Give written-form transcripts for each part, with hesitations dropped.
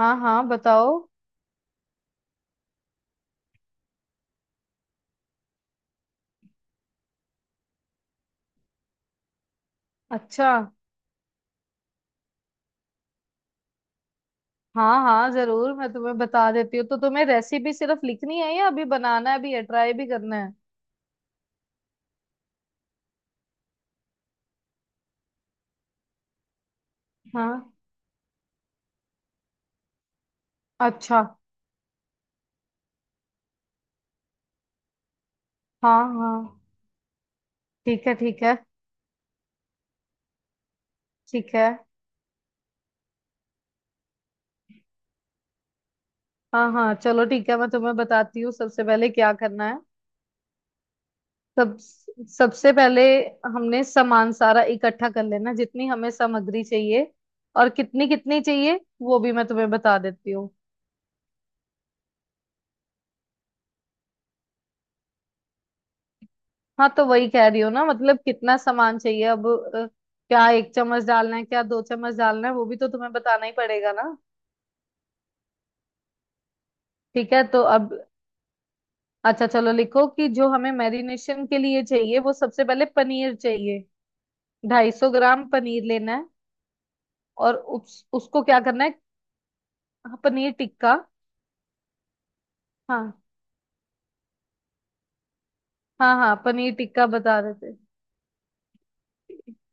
हाँ हाँ, बताओ। अच्छा, हाँ हाँ जरूर, मैं तुम्हें बता देती हूँ। तो तुम्हें रेसिपी सिर्फ लिखनी है या अभी बनाना भी है, ट्राई भी करना है? हाँ। अच्छा। हाँ हाँ। ठीक है ठीक है। ठीक है, हाँ हाँ चलो ठीक है, मैं तुम्हें बताती हूँ। सबसे पहले क्या करना है? सब सबसे पहले हमने सामान सारा इकट्ठा कर लेना, जितनी हमें सामग्री चाहिए। और कितनी कितनी चाहिए वो भी मैं तुम्हें बता देती हूँ। हाँ, तो वही कह रही हूँ ना। मतलब कितना सामान चाहिए अब। अ, क्या एक चम्मच डालना है, क्या दो चम्मच डालना है, वो भी तो तुम्हें बताना ही पड़ेगा ना। ठीक है तो अब अच्छा चलो, लिखो कि जो हमें मैरिनेशन के लिए चाहिए, वो सबसे पहले पनीर चाहिए। 250 ग्राम पनीर लेना है। और उसको क्या करना है? हाँ, पनीर टिक्का। हाँ हाँ, हाँ पनीर टिक्का बता रहे थे।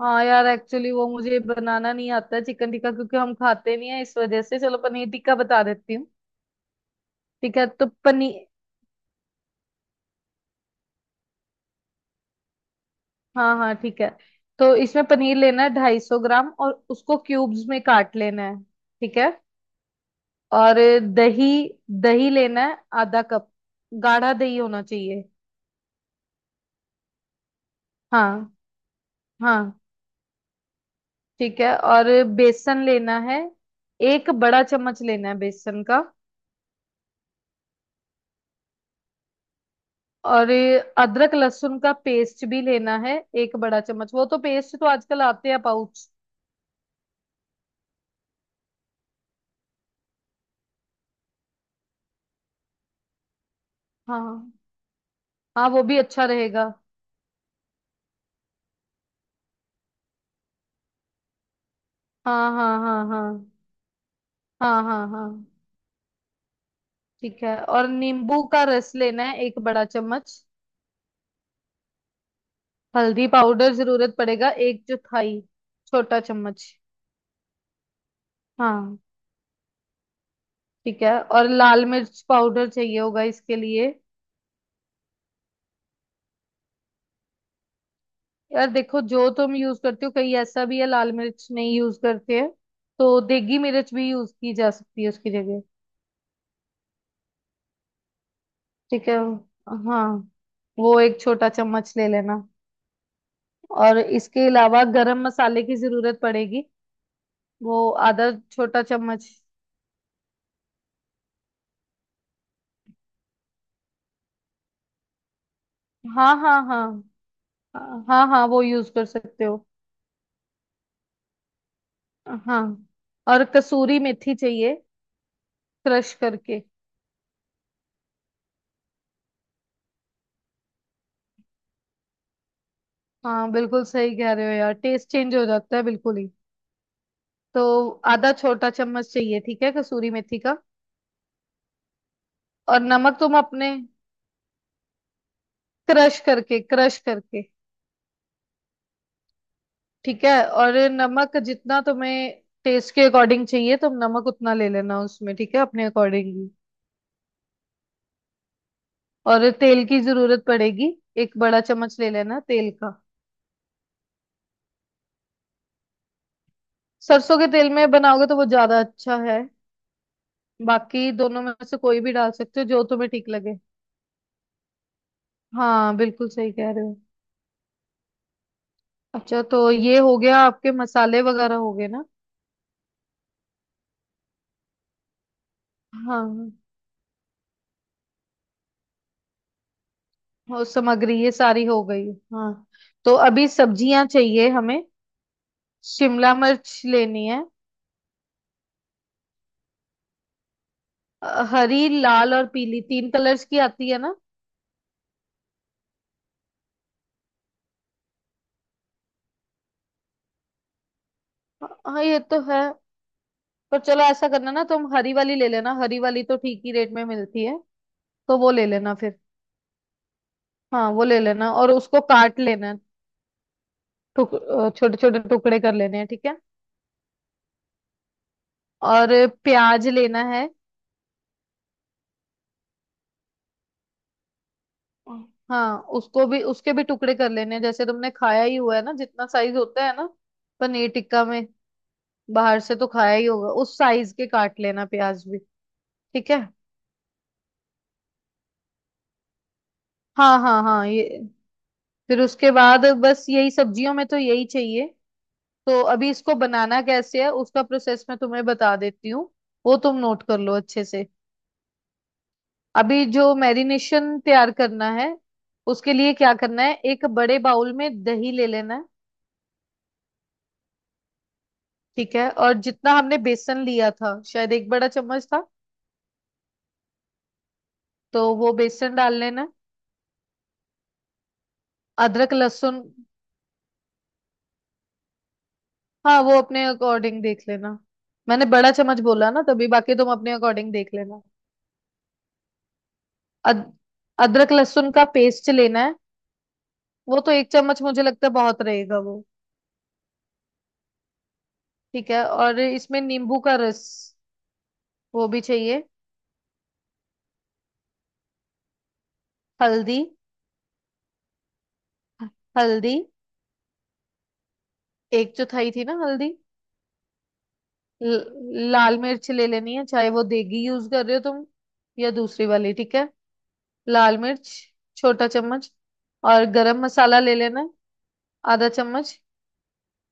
हाँ यार, एक्चुअली वो मुझे बनाना नहीं आता चिकन टिक्का, क्योंकि हम खाते नहीं है, इस वजह से चलो पनीर टिक्का बता देती हूँ। ठीक है, तो पनीर। हाँ हाँ ठीक है। तो इसमें पनीर लेना है 250 ग्राम, और उसको क्यूब्स में काट लेना है। ठीक है। और दही, दही लेना है आधा कप। गाढ़ा दही होना चाहिए। हाँ हाँ। ठीक है और बेसन लेना है, एक बड़ा चम्मच लेना है बेसन का। और अदरक लहसुन का पेस्ट भी लेना है, एक बड़ा चम्मच। वो तो पेस्ट तो आजकल आते हैं पाउच। हाँ हाँ, वो भी अच्छा रहेगा। हाँ हाँ हाँ हाँ। हाँ हाँ हाँ। ठीक है, और नींबू का रस लेना है एक बड़ा चम्मच। हल्दी पाउडर जरूरत पड़ेगा, एक चौथाई छोटा चम्मच। हाँ ठीक है, और लाल मिर्च पाउडर चाहिए होगा इसके लिए। यार देखो, जो तुम यूज करते हो, कहीं ऐसा भी है लाल मिर्च नहीं यूज करते हैं, तो देगी मिर्च भी यूज की जा सकती है उसकी जगह। ठीक है। हाँ, वो एक छोटा चम्मच ले लेना। और इसके अलावा गरम मसाले की जरूरत पड़ेगी, वो आधा छोटा चम्मच। हाँ हाँ हाँ। हाँ हाँ वो यूज कर सकते हो। हाँ। और कसूरी मेथी चाहिए, क्रश करके। हाँ बिल्कुल सही कह रहे हो यार, टेस्ट चेंज हो जाता है बिल्कुल ही। तो आधा छोटा चम्मच चाहिए, ठीक है, कसूरी मेथी का। और नमक तुम अपने, क्रश करके क्रश करके। ठीक है, और नमक जितना तुम्हें टेस्ट के अकॉर्डिंग चाहिए तुम नमक उतना ले लेना उसमें, ठीक है, अपने अकॉर्डिंग ही। और तेल की जरूरत पड़ेगी, एक बड़ा चम्मच ले लेना तेल का। सरसों के तेल में बनाओगे तो वो ज्यादा अच्छा है। बाकी दोनों में से कोई भी डाल सकते हो जो तुम्हें ठीक लगे। हाँ बिल्कुल सही कह रहे हो। अच्छा, तो ये हो गया, आपके मसाले वगैरह हो गए ना। हाँ, और सामग्री ये सारी हो गई। हाँ। तो अभी सब्जियां चाहिए हमें। शिमला मिर्च लेनी है। हरी, लाल और पीली, तीन कलर्स की आती है ना। हाँ ये तो है, पर चलो ऐसा करना ना, तुम हरी वाली ले लेना, हरी वाली तो ठीक ही रेट में मिलती है, तो वो ले लेना फिर। हाँ वो ले लेना, और उसको काट लेना है। टुक छोटे छोटे टुकड़े कर लेने हैं, ठीक है। और प्याज लेना है। हाँ, उसको भी उसके भी टुकड़े कर लेने हैं, जैसे तुमने खाया ही हुआ है ना, जितना साइज होता है ना, पनीर टिक्का में। बाहर से तो खाया ही होगा, उस साइज के काट लेना प्याज भी। ठीक है। हाँ हाँ हाँ, ये। फिर उसके बाद बस यही, सब्जियों में तो यही चाहिए। तो अभी इसको बनाना कैसे है, उसका प्रोसेस मैं तुम्हें बता देती हूँ, वो तुम नोट कर लो अच्छे से। अभी जो मैरिनेशन तैयार करना है, उसके लिए क्या करना है, एक बड़े बाउल में दही ले लेना है। ठीक है। और जितना हमने बेसन लिया था, शायद एक बड़ा चम्मच था, तो वो बेसन डाल लेना है। अदरक लहसुन। हाँ वो अपने अकॉर्डिंग देख लेना। मैंने बड़ा चम्मच बोला ना तभी, बाकी तुम अपने अकॉर्डिंग देख लेना। अद, अदरक लहसुन का पेस्ट लेना है। वो तो एक चम्मच मुझे लगता है बहुत रहेगा वो। ठीक है, और इसमें नींबू का रस, वो भी चाहिए। हल्दी। हल्दी। एक चौथाई थी ना हल्दी। ल, लाल मिर्च ले लेनी है, चाहे वो देगी यूज कर रहे हो तुम या दूसरी वाली, ठीक है। लाल मिर्च, छोटा चम्मच। और गरम मसाला ले लेना है, आधा चम्मच।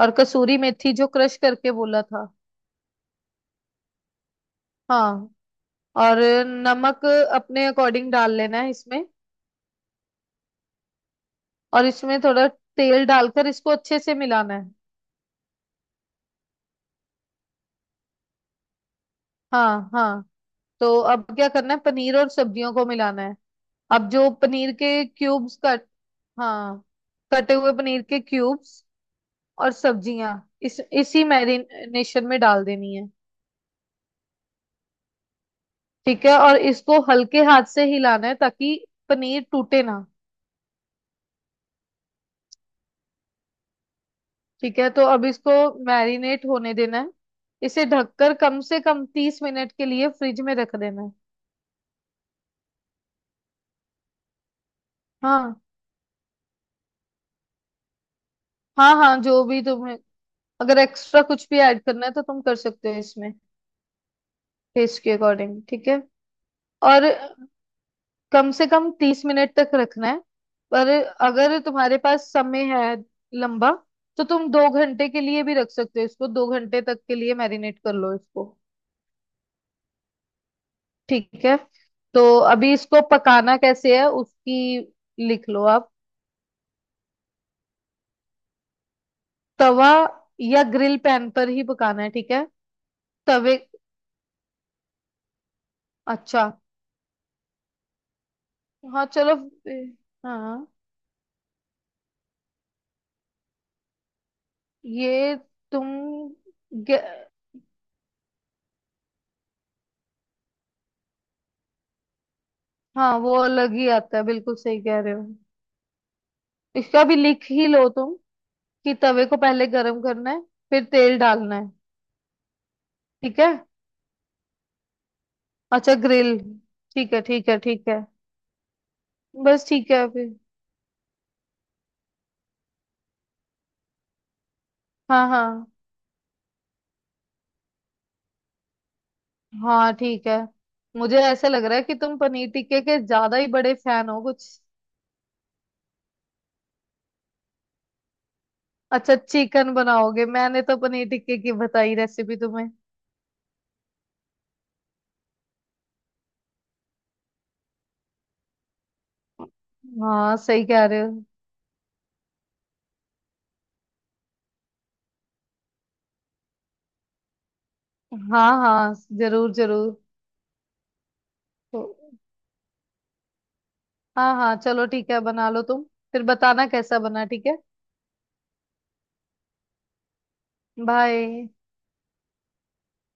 और कसूरी मेथी जो क्रश करके बोला था। हाँ। और नमक अपने अकॉर्डिंग डाल लेना है इसमें। और इसमें थोड़ा तेल डालकर इसको अच्छे से मिलाना है। हाँ हाँ। तो अब क्या करना है, पनीर और सब्जियों को मिलाना है। अब जो पनीर के क्यूब्स, हाँ, कटे हुए पनीर के क्यूब्स और सब्जियां इस इसी मैरिनेशन में डाल देनी है। ठीक है, और इसको हल्के हाथ से हिलाना है, ताकि पनीर टूटे ना। ठीक है, तो अब इसको मैरिनेट होने देना है। इसे ढककर कम से कम 30 मिनट के लिए फ्रिज में रख देना है। हाँ हाँ, हाँ जो भी तुम्हें, अगर एक्स्ट्रा कुछ भी ऐड करना है तो तुम कर सकते हो इसमें। टेस्ट के अकॉर्डिंग ठीक है। और कम से कम 30 मिनट तक रखना है, पर अगर तुम्हारे पास समय है लंबा, तो तुम 2 घंटे के लिए भी रख सकते हो। इसको 2 घंटे तक के लिए मैरिनेट कर लो इसको। ठीक है। तो अभी इसको पकाना कैसे है उसकी लिख लो आप। तवा या ग्रिल पैन पर ही पकाना है, ठीक है। तवे। अच्छा। हाँ चलो। ए, हाँ ये, तुम, गे- हाँ, वो अलग ही आता है, बिल्कुल सही कह रहे हो। इसका भी लिख ही लो तुम, कि तवे को पहले गरम करना है, फिर तेल डालना है। ठीक है। अच्छा ग्रिल। ठीक है ठीक है ठीक है। बस ठीक है फिर। हाँ हाँ। हाँ ठीक है। मुझे ऐसा लग रहा है कि तुम पनीर टिक्के के ज्यादा ही बड़े फैन हो कुछ। अच्छा चिकन बनाओगे, मैंने तो पनीर टिक्के की बताई रेसिपी तुम्हें। हाँ सही कह रहे हो। हाँ हाँ, जरूर जरूर। तो- हाँ हाँ चलो ठीक है, बना लो तुम। फिर बताना कैसा बना, ठीक है। बाय।